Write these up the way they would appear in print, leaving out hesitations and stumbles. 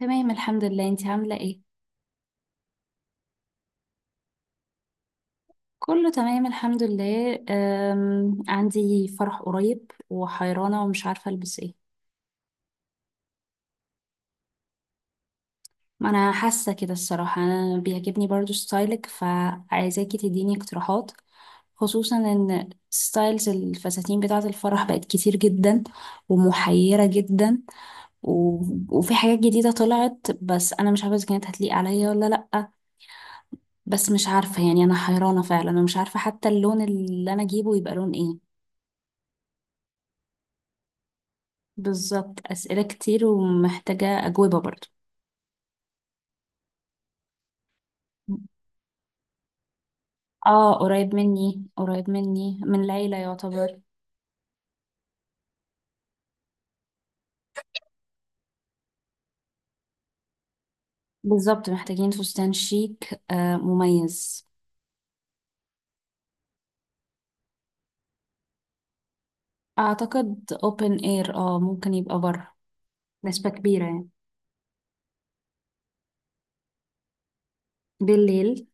تمام، الحمد لله. انتي عاملة ايه؟ كله تمام الحمد لله. عندي فرح قريب وحيرانة ومش عارفة البس ايه. ما انا حاسة كده الصراحة، انا بيعجبني برضو ستايلك، فعايزاكي تديني اقتراحات، خصوصا ان ستايلز الفساتين بتاعة الفرح بقت كتير جدا ومحيرة جدا. و... وفي حاجات جديدة طلعت بس انا مش عارفة اذا كانت هتليق عليا ولا لأ. بس مش عارفة، يعني انا حيرانة فعلا، انا مش عارفة حتى اللون اللي انا اجيبه يبقى لون ايه. بالظبط، أسئلة كتير ومحتاجة أجوبة برضو. اه، قريب مني قريب مني، من العيلة يعتبر. بالظبط، محتاجين فستان شيك، مميز. أعتقد open air، ممكن يبقى بره، نسبة كبيرة يعني. بالليل.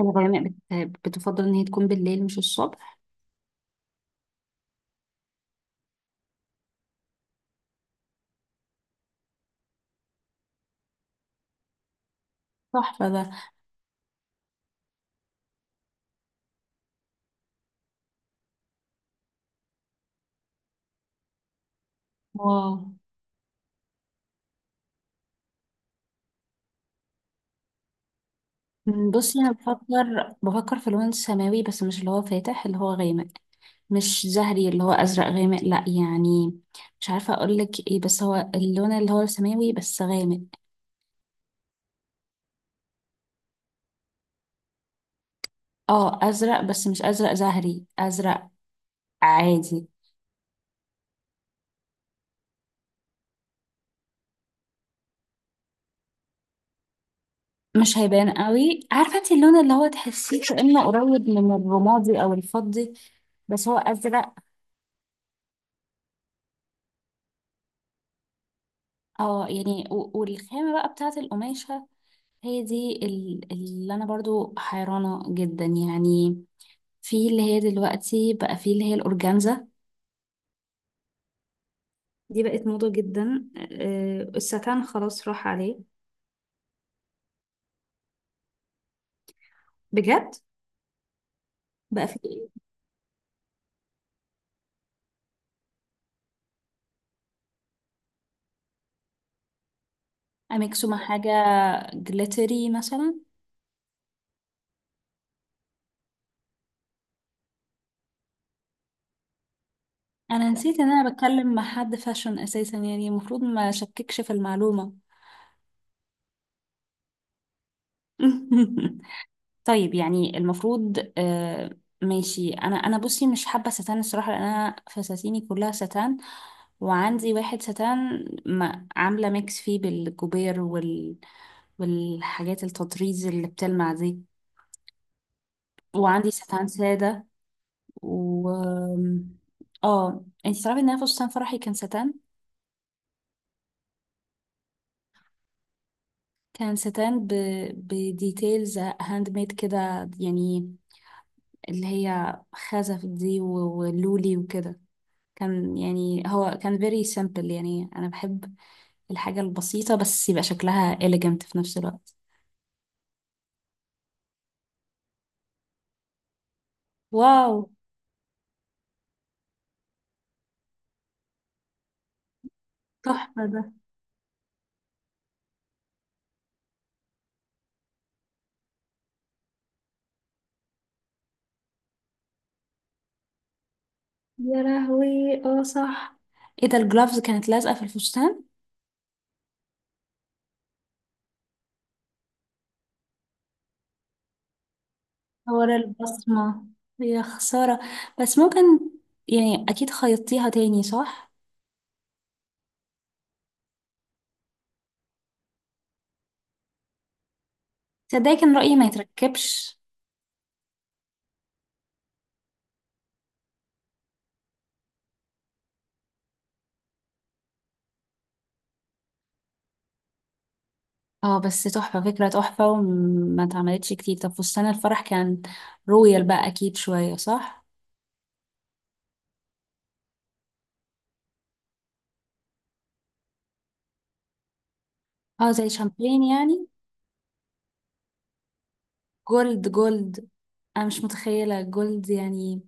الغيماء. بتفضل إن هي تكون بالليل مش الصبح. تحفة ده. واو. بصي، انا بفكر في لون سماوي، بس مش اللي هو فاتح، اللي هو غامق. مش زهري، اللي هو ازرق غامق، لا يعني. مش عارفه اقول لك ايه، بس هو اللون اللي هو السماوي بس غامق. اه، ازرق بس مش ازرق زهري، ازرق عادي. مش هيبان قوي، عارفه انت اللون اللي هو تحسيه كانه قريب من الرمادي او الفضي، بس هو ازرق. اه، يعني والخامه بقى بتاعه القماشه، هي دي اللي انا برضو حيرانه جدا يعني. في اللي هي دلوقتي، بقى في اللي هي الأورجانزا. دي بقت موضة جدا. الستان خلاص راح عليه. بجد. بقى في ايه؟ أميكسو مع حاجة. جليتري مثلا. أنا نسيت إن أنا بتكلم مع حد فاشن أساسا، يعني المفروض ما شككش في المعلومة. طيب، يعني المفروض. ماشي. أنا بصي مش حابة ستان الصراحة، لأن أنا فساتيني كلها ستان. وعندي واحد ستان ما عاملة ميكس فيه بالجوبير والحاجات، التطريز اللي بتلمع دي. وعندي ستان سادة، و اه انت تعرفي ان انا فستان فرحي كان ستان. كان ستان بديتيلز هاند ميد كده، يعني اللي هي خزف دي ولولي وكده. كان، يعني هو كان very simple، يعني انا بحب الحاجة البسيطة بس يبقى شكلها elegant في نفس الوقت. واو، تحفة ده. يا لهوي. اه، صح. ايه ده، الجلافز كانت لازقة في الفستان؟ ورا البصمة، يا خسارة. بس ممكن، يعني أكيد خيطتيها تاني صح؟ تصدقي كان رأيي ما يتركبش. اه، بس تحفة، فكرة تحفة وما اتعملتش كتير. طب فستان الفرح كان رويال بقى أكيد شوية، صح؟ اه، زي شامبين يعني. جولد جولد، أنا مش متخيلة جولد يعني.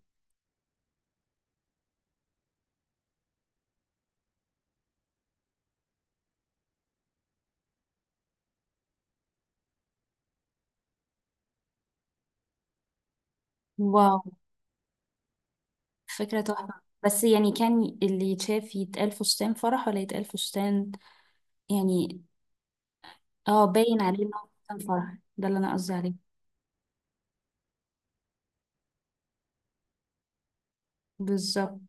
واو، فكرة تحفة. بس يعني كان اللي يتشاف يتقال فستان فرح ولا يتقال فستان يعني. اه، باين عليه إنه فستان فرح، ده اللي أنا قصدي عليه. بالظبط،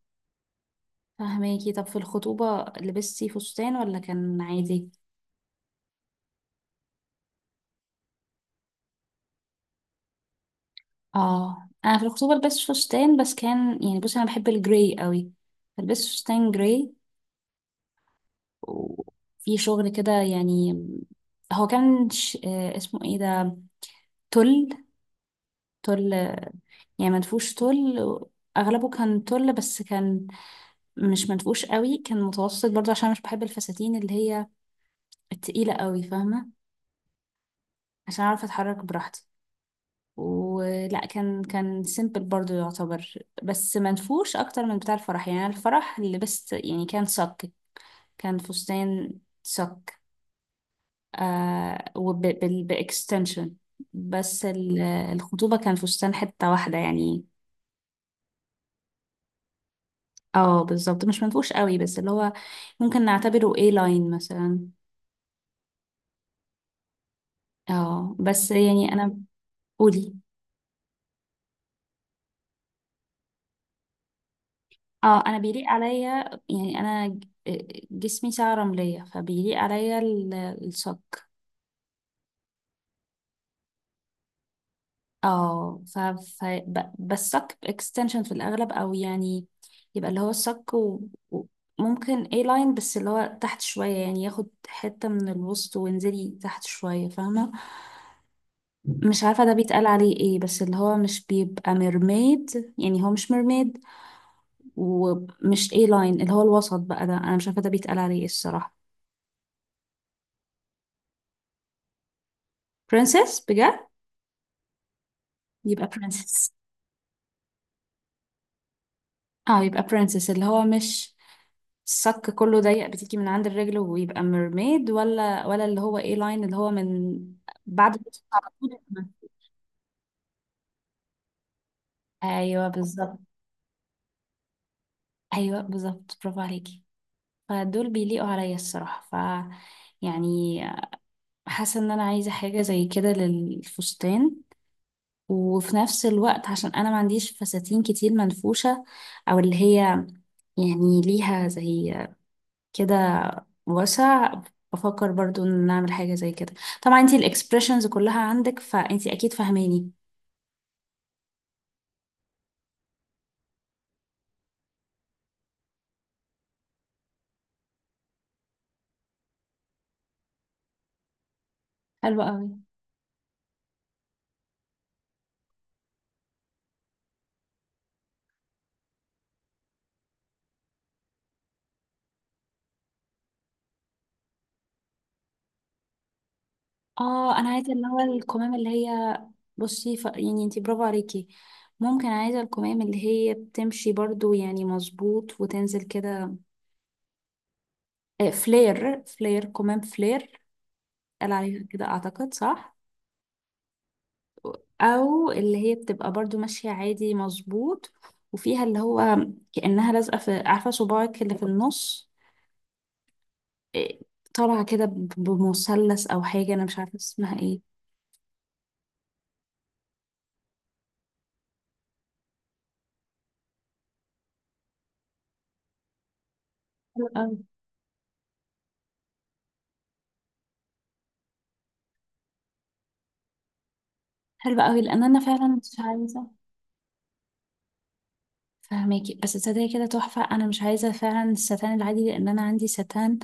فهماكي. طب في الخطوبة لبستي فستان ولا كان عادي؟ اه، انا في الخطوبة لبست فستان، بس كان يعني بصي انا بحب الجراي قوي، فلبست فستان جراي وفي شغل كده يعني. هو كان اسمه ايه ده، تل. تل، يعني منفوش تل. اغلبه كان تل، بس كان مش منفوش قوي، كان متوسط برضه عشان مش بحب الفساتين اللي هي التقيلة قوي، فاهمة؟ عشان اعرف اتحرك براحتي، ولا كان سيمبل برضو يعتبر، بس منفوش اكتر من بتاع الفرح. يعني أنا الفرح اللي لبست يعني كان صك. كان فستان صك وباكستنشن. بس الخطوبة كان فستان حتة واحدة يعني. اه، بالظبط، مش منفوش قوي، بس اللي هو ممكن نعتبره اي لاين مثلا. اه، بس يعني انا. قولي. اه، انا بيليق عليا، يعني انا جسمي ساعة رملية، فبيليق عليا الصك. اه، بس صك اكستنشن في الاغلب، او يعني يبقى اللي هو الصك و- ممكن اي لاين، بس اللي هو تحت شوية، يعني ياخد حتة من الوسط وانزلي تحت شوية، فاهمة؟ مش عارفة ده بيتقال عليه ايه، بس اللي هو مش بيبقى ميرميد، يعني هو مش ميرميد. ومش اي لاين، اللي هو الوسط بقى ده انا مش عارفة ده بيتقال عليه ايه الصراحة. برنسس، بجد؟ يبقى برنسس. اه يبقى برنسس، اللي هو مش الصك كله ضيق بتيجي من عند الرجل ويبقى ميرميد، ولا اللي هو ايه لاين اللي هو من بعد الوسط على طول. ايوه بالظبط. ايوه بالظبط، برافو عليكي. فدول بيليقوا عليا الصراحه، ف يعني حاسه ان انا عايزه حاجه زي كده للفستان، وفي نفس الوقت عشان انا ما عنديش فساتين كتير منفوشه، او اللي هي يعني ليها زي كده واسع، بفكر برضو ان نعمل حاجة زي كده. طبعا انتي الاكسبريشنز كلها عندك، فانتي اكيد فاهماني. حلو قوي. اه، انا عايزة اللي هو الكمام اللي هي. بصي يعني انتي برافو عليكي. ممكن عايزة الكمام اللي هي بتمشي برضو، يعني مظبوط وتنزل كده. فلير، فلير، كمام فلير. قال عليها كده اعتقد، صح؟ او اللي هي بتبقى برضو ماشية عادي مظبوط، وفيها اللي هو كأنها لازقة في، عارفة صباعك اللي في النص؟ إيه، طالعة كده بمثلث أو حاجة، أنا مش عارفة اسمها ايه. حلوة أوي. حلوة أوي، لأن أنا فعلا مش عايزة. فهماكي، بس تصدقي كده تحفة، أنا مش عايزة فعلا الستان العادي، لأن أنا عندي ستان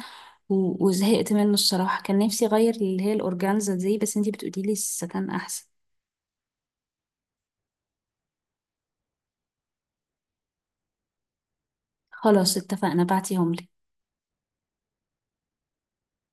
وزهقت منه الصراحة، كان نفسي أغير اللي هي الأورجانزا دي، بس انتي بتقوليلي الستان أحسن. خلاص اتفقنا، بعتيهم لي.